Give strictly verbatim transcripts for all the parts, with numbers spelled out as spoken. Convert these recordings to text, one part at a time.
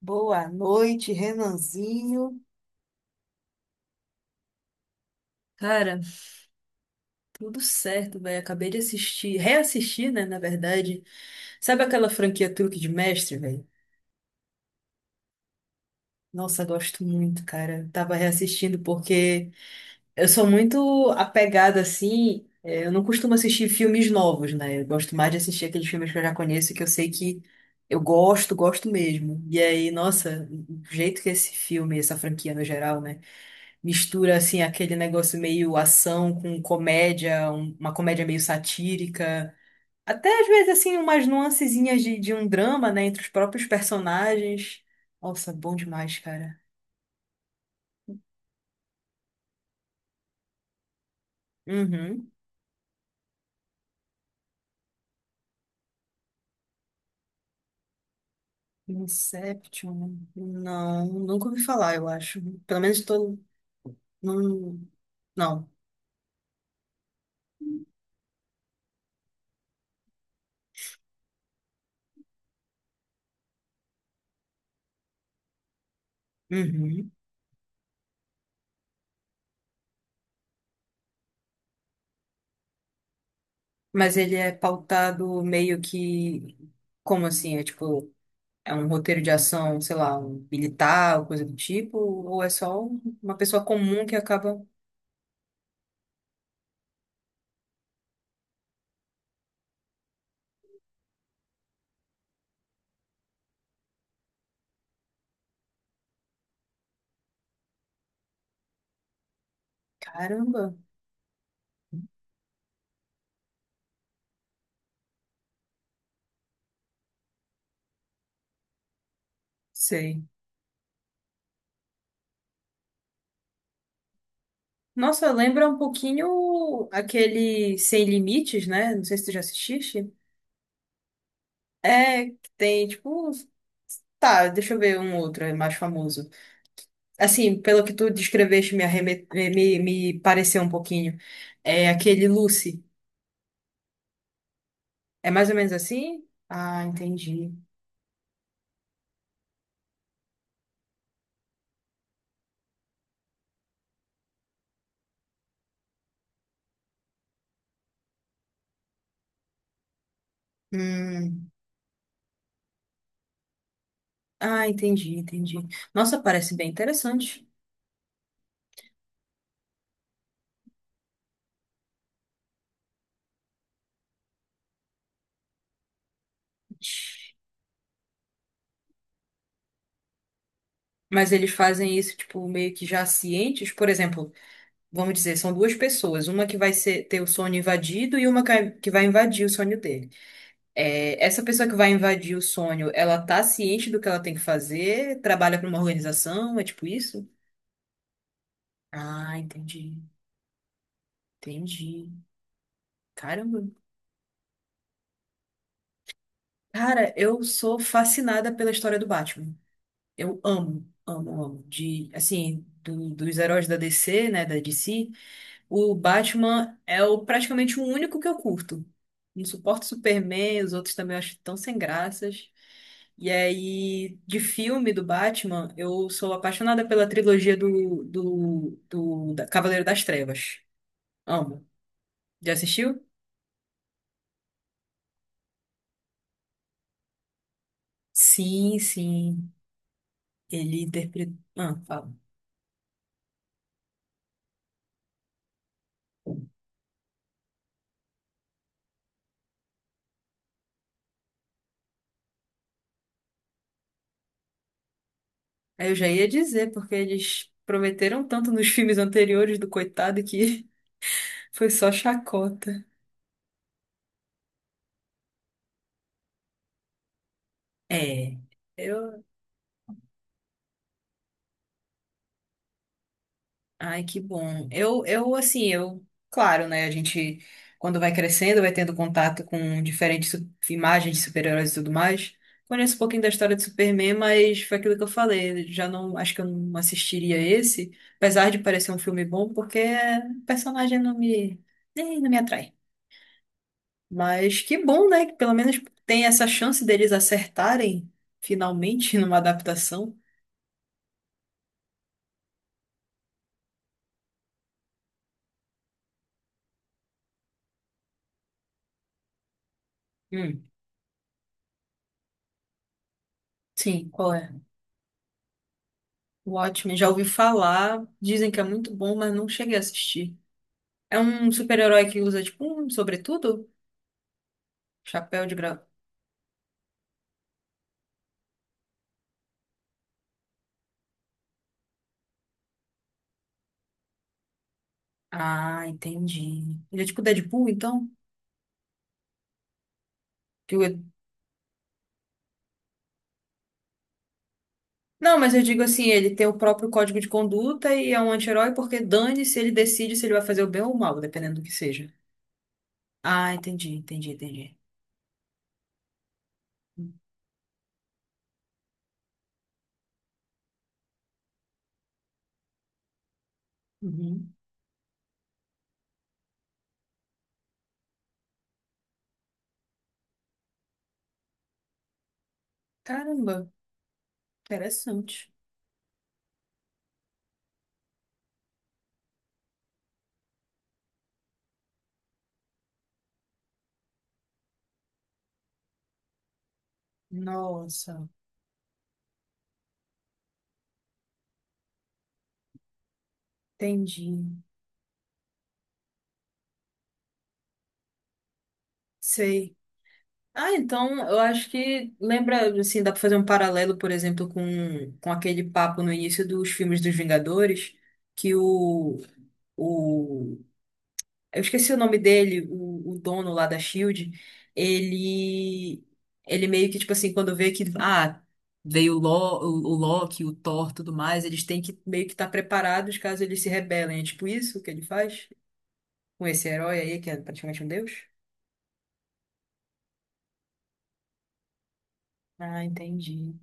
Boa noite, Renanzinho. Cara, tudo certo, velho. Acabei de assistir, reassistir, né, na verdade. Sabe aquela franquia Truque de Mestre, velho? Nossa, gosto muito, cara. Tava reassistindo porque eu sou muito apegada, assim. é, Eu não costumo assistir filmes novos, né? Eu gosto mais de assistir aqueles filmes que eu já conheço, que eu sei que eu gosto, gosto mesmo. E aí, nossa, o jeito que esse filme, essa franquia no geral, né, mistura assim aquele negócio meio ação com comédia, um- uma comédia meio satírica, até às vezes assim umas nuancezinhas de, de um drama, né, entre os próprios personagens. Nossa, bom demais, cara. Uhum. Inception? Né? Não, nunca ouvi falar, eu acho. Pelo menos tô não, não. Uhum. Mas ele é pautado meio que como assim? É tipo, é um roteiro de ação, sei lá, um militar, ou coisa do tipo, ou é só uma pessoa comum que acaba. Caramba, sei. Nossa, lembra um pouquinho aquele Sem Limites, né? Não sei se tu já assististe. É, que tem, tipo, tá, deixa eu ver um outro, é mais famoso. Assim, pelo que tu descreveste, me, arreme... me, me pareceu um pouquinho. É aquele Lucy. É mais ou menos assim? Ah, entendi. Hum. Ah, entendi, entendi. Nossa, parece bem interessante. Mas eles fazem isso, tipo, meio que já cientes. Por exemplo, vamos dizer, são duas pessoas. Uma que vai ser- ter o sonho invadido e uma que que vai invadir o sonho dele. É, essa pessoa que vai invadir o sonho, ela tá ciente do que ela tem que fazer? Trabalha para uma organização? É tipo isso? Ah, entendi. Entendi. Caramba. Cara, eu sou fascinada pela história do Batman. Eu amo, amo, amo. De, assim, do- dos heróis da D C, né, da D C. O Batman é o, praticamente o único que eu curto. Não suporto Superman, os outros também eu acho tão sem graças. E aí, de filme do Batman, eu sou apaixonada pela trilogia do, do, do da Cavaleiro das Trevas. Amo. Já assistiu? Sim, sim. Ele interpretou. Ah, fala. Aí eu já ia dizer, porque eles prometeram tanto nos filmes anteriores do coitado que foi só chacota. É. Eu ai, que bom. Eu, eu, assim, eu, claro, né? A gente, quando vai crescendo, vai tendo contato com diferentes su- imagens de super-heróis e tudo mais. Conheço um pouquinho da história de Superman, mas foi aquilo que eu falei. Já não, acho que eu não assistiria esse, apesar de parecer um filme bom, porque o personagem não me, nem, não me atrai. Mas que bom, né? Que pelo menos tem essa chance deles acertarem finalmente numa adaptação. Hum, sim, qual é? O Watchmen, já ouvi falar, dizem que é muito bom, mas não cheguei a assistir. É um super-herói que usa, tipo, um sobretudo? Chapéu de gra... Ah, entendi. Ele é tipo Deadpool, então? Que o- não, mas eu digo assim, ele tem o próprio código de conduta e é um anti-herói porque dane-se, ele decide se ele vai fazer o bem ou o mal, dependendo do que seja. Ah, entendi, entendi, entendi. Uhum. Caramba, interessante. Nossa, entendi. Sei. Ah, então eu acho que lembra, assim, dá pra fazer um paralelo, por exemplo, com, com aquele papo no início dos filmes dos Vingadores, que o, o eu esqueci o nome dele, o, o dono lá da Shield, ele ele meio que tipo assim, quando vê que ah, veio o, Lo, o, o Loki, o Thor, tudo mais, eles têm que meio que estar preparados caso eles se rebelem. É tipo isso que ele faz com esse herói aí que é praticamente um deus? Ah, entendi.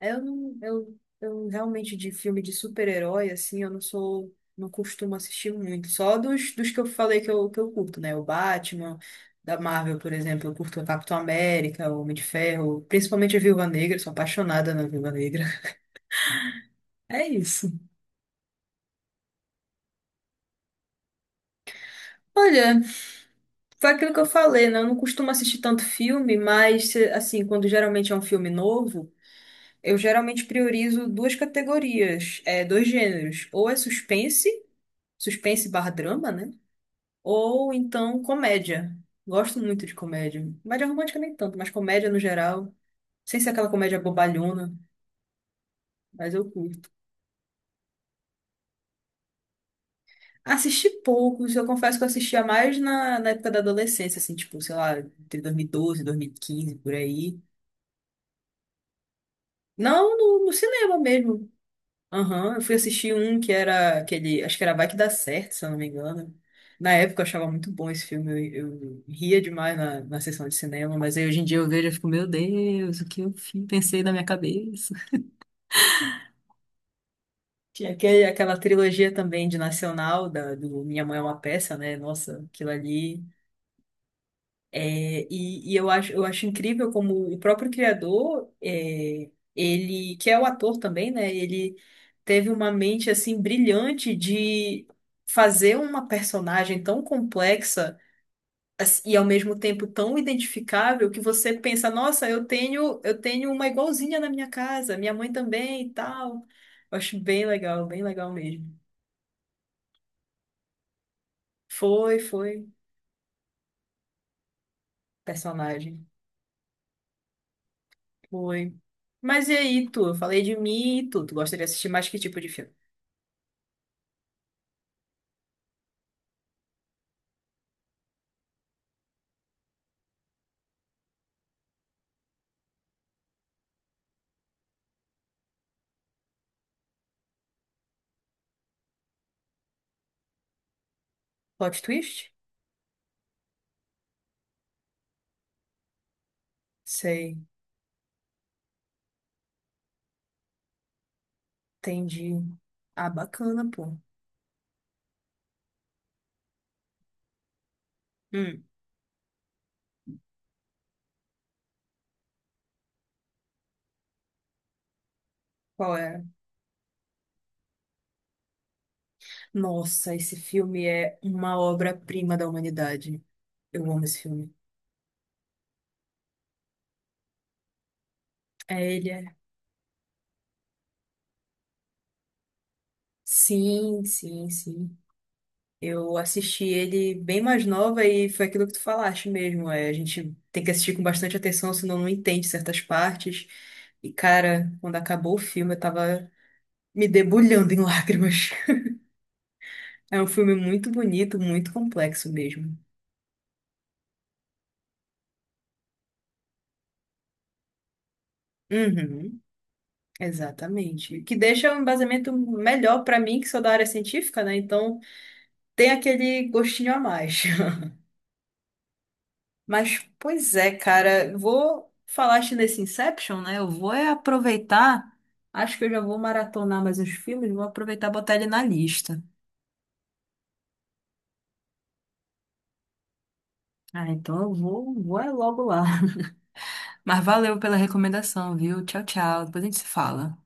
É, eu não, eu, eu realmente de filme de super-herói, assim, eu não sou, não costumo assistir muito. Só dos, dos que eu falei que eu, que eu curto, né? O Batman, da Marvel, por exemplo, eu curto o Capitão América, o Homem de Ferro, principalmente a Viúva Negra, sou apaixonada na Viúva Negra. É isso. Olha, foi aquilo que eu falei, né? Eu não costumo assistir tanto filme, mas, assim, quando geralmente é um filme novo, eu geralmente priorizo duas categorias, é, dois gêneros. Ou é suspense, suspense barra drama, né? Ou então comédia. Gosto muito de comédia. Comédia romântica nem tanto, mas comédia no geral. Sem ser aquela comédia bobalhona, mas eu curto. Assisti poucos, eu confesso que eu assistia mais na, na época da adolescência, assim, tipo, sei lá, entre dois mil e doze e dois mil e quinze, por aí. Não no, no cinema mesmo. Aham, eu fui assistir um que era aquele. Acho que era Vai Que Dá Certo, se eu não me engano. Na época eu achava muito bom esse filme, eu, eu ria demais na, na sessão de cinema, mas aí hoje em dia eu vejo e fico, meu Deus, o que eu fi- pensei na minha cabeça? Tinha aquele, aquela trilogia também de Nacional, da, do Minha Mãe é uma Peça, né? Nossa, aquilo ali. É, e, e eu acho, eu acho incrível como o próprio criador, é, ele, que é o ator também, né? Ele teve uma mente assim brilhante de fazer uma personagem tão complexa ass- e ao mesmo tempo tão identificável que você pensa, nossa, eu tenho, eu tenho uma igualzinha na minha casa, minha mãe também e tal. Eu acho bem legal, bem legal mesmo. Foi, foi personagem. Foi. Mas e aí, tu? Eu falei de mim e tu. Tu gostaria de assistir mais que tipo de filme? Plot twist? Sei. Entendi. Ah, bacana, pô. Hum, qual é? Nossa, esse filme é uma obra-prima da humanidade. Eu amo esse filme. É ele, é. Sim, sim, sim. Eu assisti ele bem mais nova e foi aquilo que tu falaste mesmo. É, a gente tem que assistir com bastante atenção, senão não entende certas partes. E, cara, quando acabou o filme, eu tava me debulhando em lágrimas. É um filme muito bonito, muito complexo mesmo. Uhum, exatamente. Que deixa um embasamento melhor para mim, que sou da área científica, né? Então tem aquele gostinho a mais. Mas, pois é, cara, vou falaste nesse Inception, né? Eu vou é aproveitar. Acho que eu já vou maratonar mais os filmes, vou aproveitar e botar ele na lista. Ah, então eu vou, vou é logo lá. Mas valeu pela recomendação, viu? Tchau, tchau. Depois a gente se fala.